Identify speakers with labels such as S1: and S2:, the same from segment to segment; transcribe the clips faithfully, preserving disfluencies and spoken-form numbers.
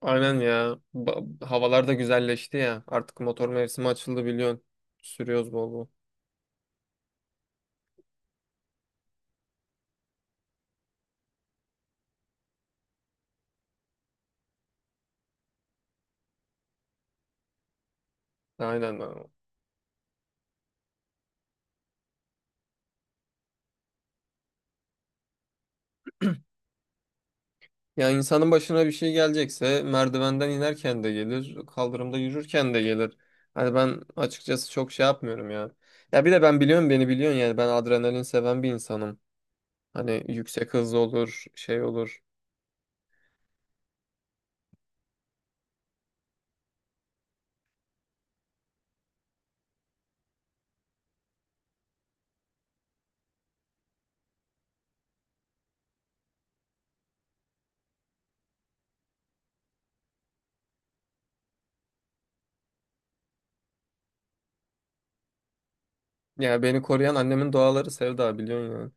S1: Aynen ya. Ba- havalar da güzelleşti ya. Artık motor mevsimi açıldı biliyorsun. Sürüyoruz bol bol. Aynen abi. Ya insanın başına bir şey gelecekse merdivenden inerken de gelir, kaldırımda yürürken de gelir. Hani ben açıkçası çok şey yapmıyorum ya. Ya bir de ben biliyorum, beni biliyorsun, yani ben adrenalin seven bir insanım. Hani yüksek hız olur, şey olur. Ya beni koruyan annemin duaları Sevda, biliyorsun yani.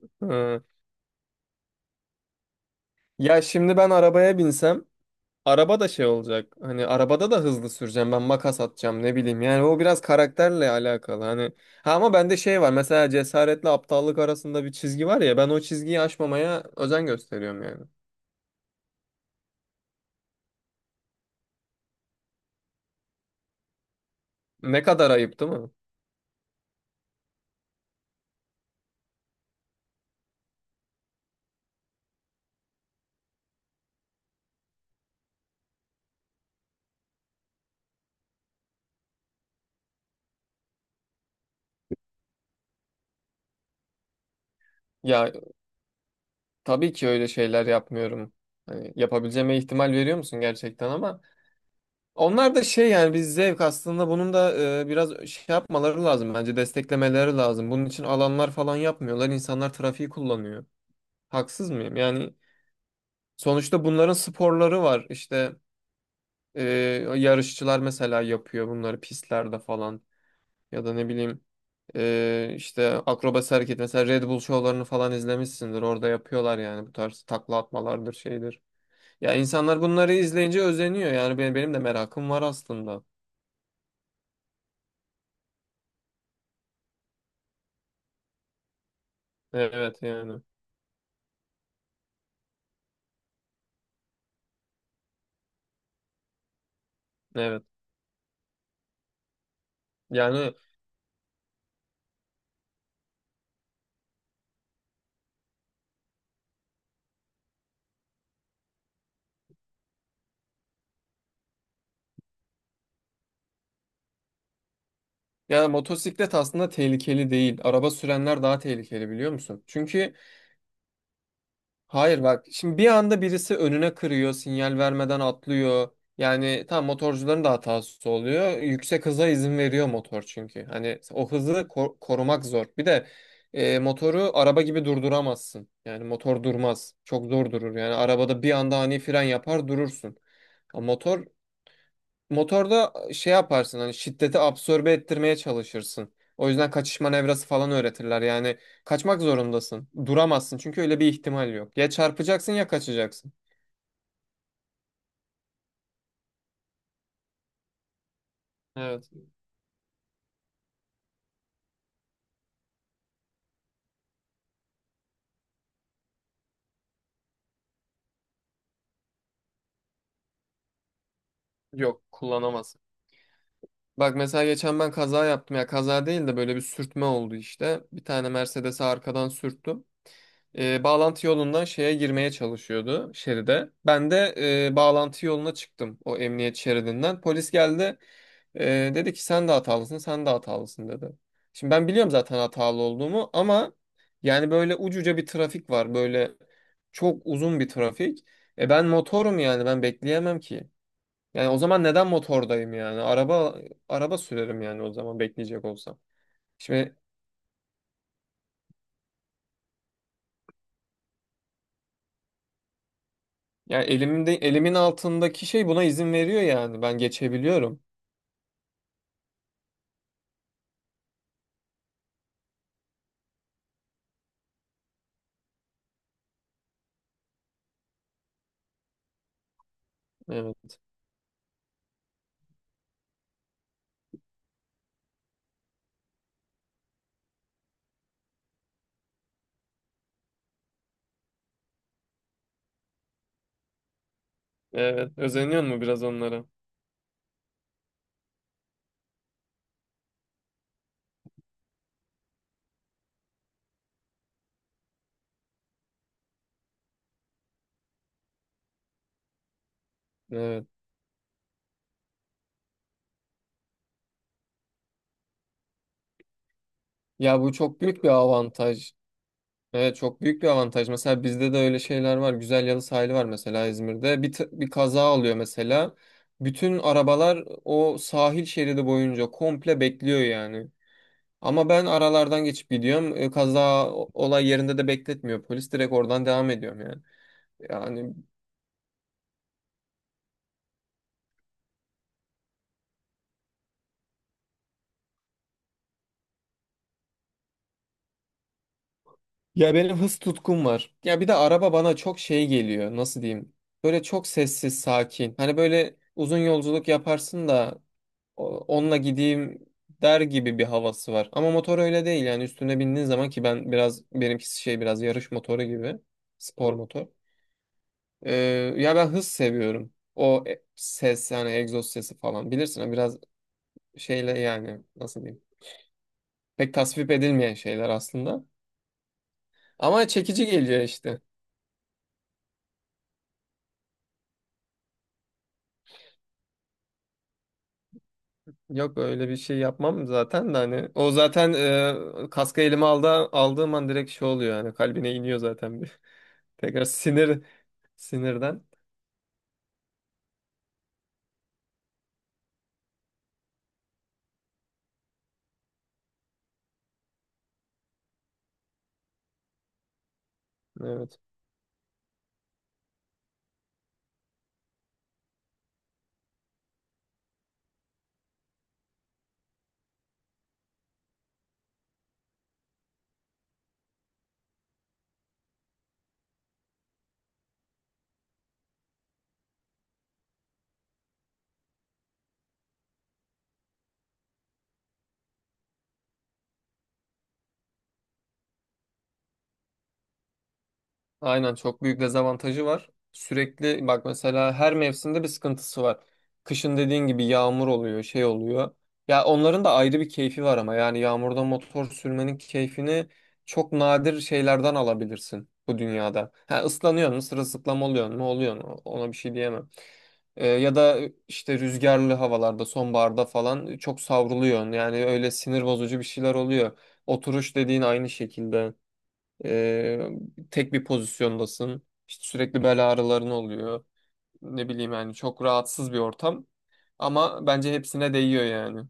S1: Hı. Ya şimdi ben arabaya binsem, araba da şey olacak. Hani arabada da hızlı süreceğim. Ben makas atacağım, ne bileyim. Yani o biraz karakterle alakalı. Hani ha, ama bende şey var. Mesela cesaretle aptallık arasında bir çizgi var ya. Ben o çizgiyi aşmamaya özen gösteriyorum yani. Ne kadar ayıp, değil mi? Ya tabii ki öyle şeyler yapmıyorum. Hani yapabileceğime ihtimal veriyor musun gerçekten? Ama onlar da şey, yani biz zevk, aslında bunun da e, biraz şey yapmaları lazım bence, desteklemeleri lazım. Bunun için alanlar falan yapmıyorlar. İnsanlar trafiği kullanıyor. Haksız mıyım yani? Sonuçta bunların sporları var. İşte e, yarışçılar mesela yapıyor bunları pistlerde falan. Ya da ne bileyim, e, işte akrobasi hareket, mesela Red Bull şovlarını falan izlemişsindir. Orada yapıyorlar yani, bu tarz takla atmalardır, şeydir. Ya insanlar bunları izleyince özeniyor. Yani benim, benim de merakım var aslında. Evet yani. Evet. Yani ya motosiklet aslında tehlikeli değil. Araba sürenler daha tehlikeli, biliyor musun? Çünkü hayır bak, şimdi bir anda birisi önüne kırıyor, sinyal vermeden atlıyor. Yani tam motorcuların da hatası oluyor. Yüksek hıza izin veriyor motor çünkü. Hani o hızı ko- korumak zor. Bir de e, motoru araba gibi durduramazsın. Yani motor durmaz. Çok zor durur. Yani arabada bir anda ani fren yapar, durursun. Ama motor, motorda şey yaparsın, hani şiddeti absorbe ettirmeye çalışırsın. O yüzden kaçış manevrası falan öğretirler. Yani kaçmak zorundasın. Duramazsın çünkü öyle bir ihtimal yok. Ya çarpacaksın ya kaçacaksın. Evet. Yok, kullanamazsın. Bak mesela geçen ben kaza yaptım ya, kaza değil de böyle bir sürtme oldu işte. Bir tane Mercedes'e arkadan sürttüm. E, bağlantı yolundan şeye girmeye çalışıyordu, şeride. Ben de e, bağlantı yoluna çıktım o emniyet şeridinden. Polis geldi, e, dedi ki sen de hatalısın, sen de hatalısın dedi. Şimdi ben biliyorum zaten hatalı olduğumu, ama yani böyle ucuca bir trafik var, böyle çok uzun bir trafik. E ben motorum, yani ben bekleyemem ki. Yani o zaman neden motordayım yani? Araba araba sürerim yani o zaman, bekleyecek olsam. Şimdi ya elimde, elimin altındaki şey buna izin veriyor yani. Ben geçebiliyorum. Evet. Evet. Özeniyor mu biraz onlara? Evet. Ya bu çok büyük bir avantaj. Evet, çok büyük bir avantaj. Mesela bizde de öyle şeyler var. Güzel Yalı sahili var mesela İzmir'de. Bir, t- bir kaza oluyor mesela. Bütün arabalar o sahil şeridi boyunca komple bekliyor yani. Ama ben aralardan geçip gidiyorum. E, kaza o- olay yerinde de bekletmiyor. Polis, direkt oradan devam ediyorum yani. Yani ya benim hız tutkum var. Ya bir de araba bana çok şey geliyor. Nasıl diyeyim? Böyle çok sessiz, sakin. Hani böyle uzun yolculuk yaparsın da o- onunla gideyim der gibi bir havası var. Ama motor öyle değil yani, üstüne bindiğin zaman. Ki ben biraz, benimkisi şey, biraz yarış motoru gibi. Spor motor. Ee, ya ben hız seviyorum. O e- ses, yani egzoz sesi falan bilirsin, o biraz şeyle, yani nasıl diyeyim? Pek tasvip edilmeyen şeyler aslında. Ama çekici geliyor işte. Yok, öyle bir şey yapmam zaten de hani, o zaten e, kaskı elime aldı, aldığım an direkt şey oluyor yani, kalbine iniyor zaten bir tekrar sinir, sinirden. Evet. Aynen çok büyük dezavantajı var. Sürekli bak, mesela her mevsimde bir sıkıntısı var. Kışın dediğin gibi yağmur oluyor, şey oluyor. Ya onların da ayrı bir keyfi var ama, yani yağmurda motor sürmenin keyfini çok nadir şeylerden alabilirsin bu dünyada. Ha ıslanıyor mu, sırılsıklam oluyor mu, oluyor mu? Ona bir şey diyemem. Ee, ya da işte rüzgarlı havalarda, sonbaharda falan çok savruluyorsun. Yani öyle sinir bozucu bir şeyler oluyor. Oturuş dediğin aynı şekilde. Ee, tek bir pozisyondasın. İşte sürekli bel ağrıların oluyor. Ne bileyim yani, çok rahatsız bir ortam. Ama bence hepsine değiyor yani.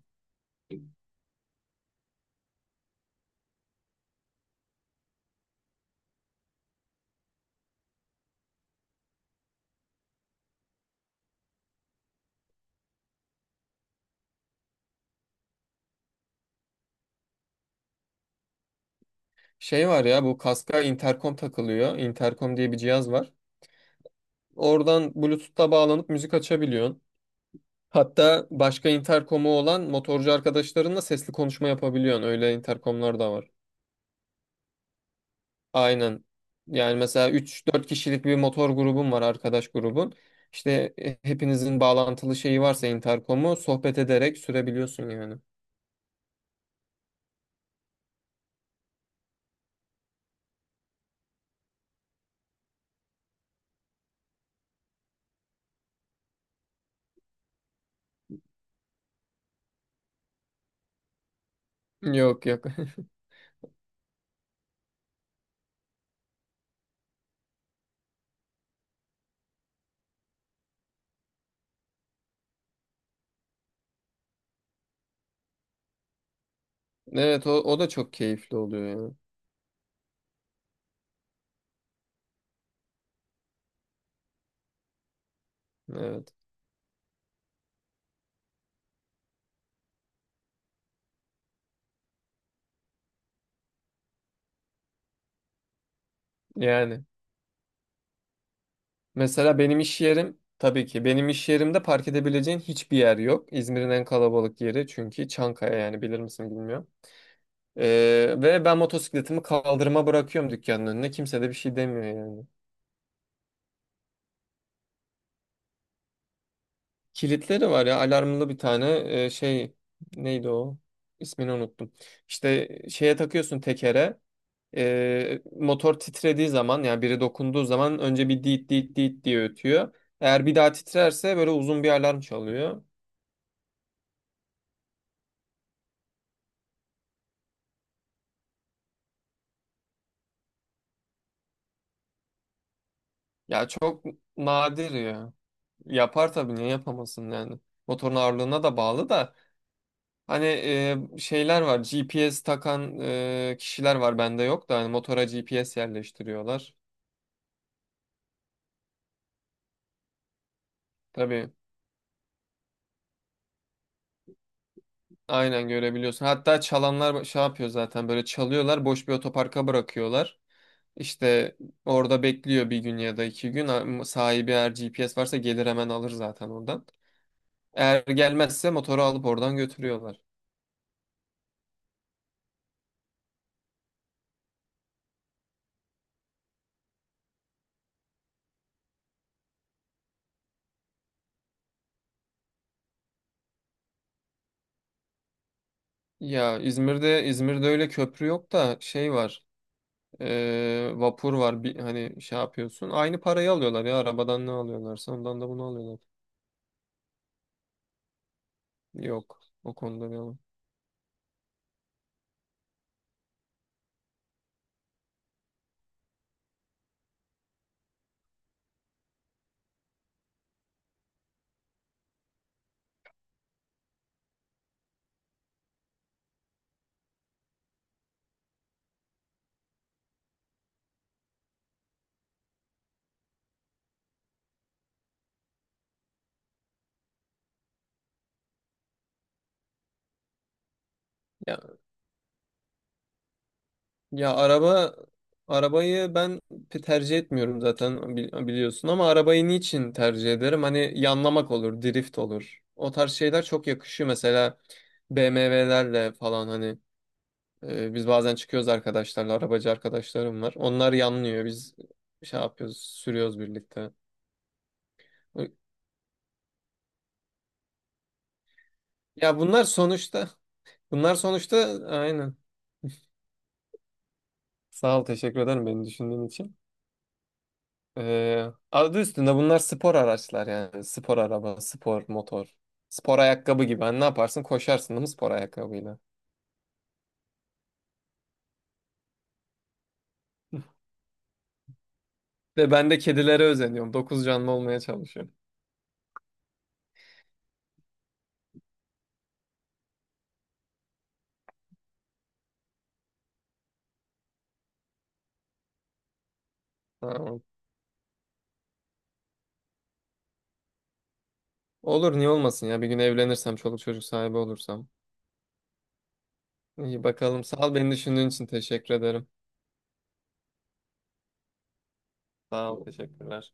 S1: Şey var ya, bu kaska interkom takılıyor. Interkom diye bir cihaz var. Oradan Bluetooth'ta bağlanıp müzik açabiliyorsun. Hatta başka interkomu olan motorcu arkadaşlarınla sesli konuşma yapabiliyorsun. Öyle interkomlar da var. Aynen. Yani mesela üç dört kişilik bir motor grubun var, arkadaş grubun. İşte e, hepinizin bağlantılı şeyi varsa, interkomu sohbet ederek sürebiliyorsun yani. Yok yok. Evet, o, o da çok keyifli oluyor yani. Evet. Yani mesela benim iş yerim, tabii ki benim iş yerimde park edebileceğin hiçbir yer yok. İzmir'in en kalabalık yeri çünkü Çankaya, yani bilir misin bilmiyorum. Ee, ve ben motosikletimi kaldırıma bırakıyorum, dükkanın önüne. Kimse de bir şey demiyor yani. Kilitleri var ya, alarmlı bir tane e, şey, neydi o, ismini unuttum. İşte şeye takıyorsun, tekere, e, motor titrediği zaman, yani biri dokunduğu zaman önce bir diit diit diit diye ötüyor. Eğer bir daha titrerse böyle uzun bir alarm çalıyor. Ya çok nadir ya. Yapar tabii, niye yapamasın yani. Motorun ağırlığına da bağlı da, hani e, şeyler var, G P S takan e, kişiler var, bende yok da, hani motora G P S yerleştiriyorlar. Tabii, aynen görebiliyorsun. Hatta çalanlar şey yapıyor zaten, böyle çalıyorlar, boş bir otoparka bırakıyorlar. İşte orada bekliyor bir gün ya da iki gün. Am- Sahibi eğer G P S varsa gelir hemen alır zaten oradan. Eğer gelmezse motoru alıp oradan götürüyorlar. Ya İzmir'de İzmir'de öyle köprü yok da, şey var, e, vapur var. Bir, hani şey yapıyorsun. Aynı parayı alıyorlar, ya arabadan ne alıyorlarsa ondan da bunu alıyorlar. Yok, o konuda bir, ya, ya araba arabayı ben pe- tercih etmiyorum zaten, bili- biliyorsun, ama arabayı niçin tercih ederim? Hani yanlamak olur, drift olur. O tarz şeyler çok yakışıyor mesela B M W'lerle falan, hani e, biz bazen çıkıyoruz arkadaşlarla, arabacı arkadaşlarım var. Onlar yanlıyor. Biz şey yapıyoruz, sürüyoruz birlikte. Ya bunlar sonuçta, bunlar sonuçta aynen. Sağ ol, teşekkür ederim beni düşündüğün için. Ee, adı üstünde bunlar spor araçlar yani. Spor araba, spor motor, spor ayakkabı gibi. Hani ne yaparsın? Koşarsın değil mi spor ayakkabıyla? Ve ben de kedilere özeniyorum. Dokuz canlı olmaya çalışıyorum. Tamam. Olur, niye olmasın ya. Bir gün evlenirsem, çoluk çocuk sahibi olursam. İyi bakalım. Sağ ol, beni düşündüğün için teşekkür ederim. Sağ ol, teşekkürler.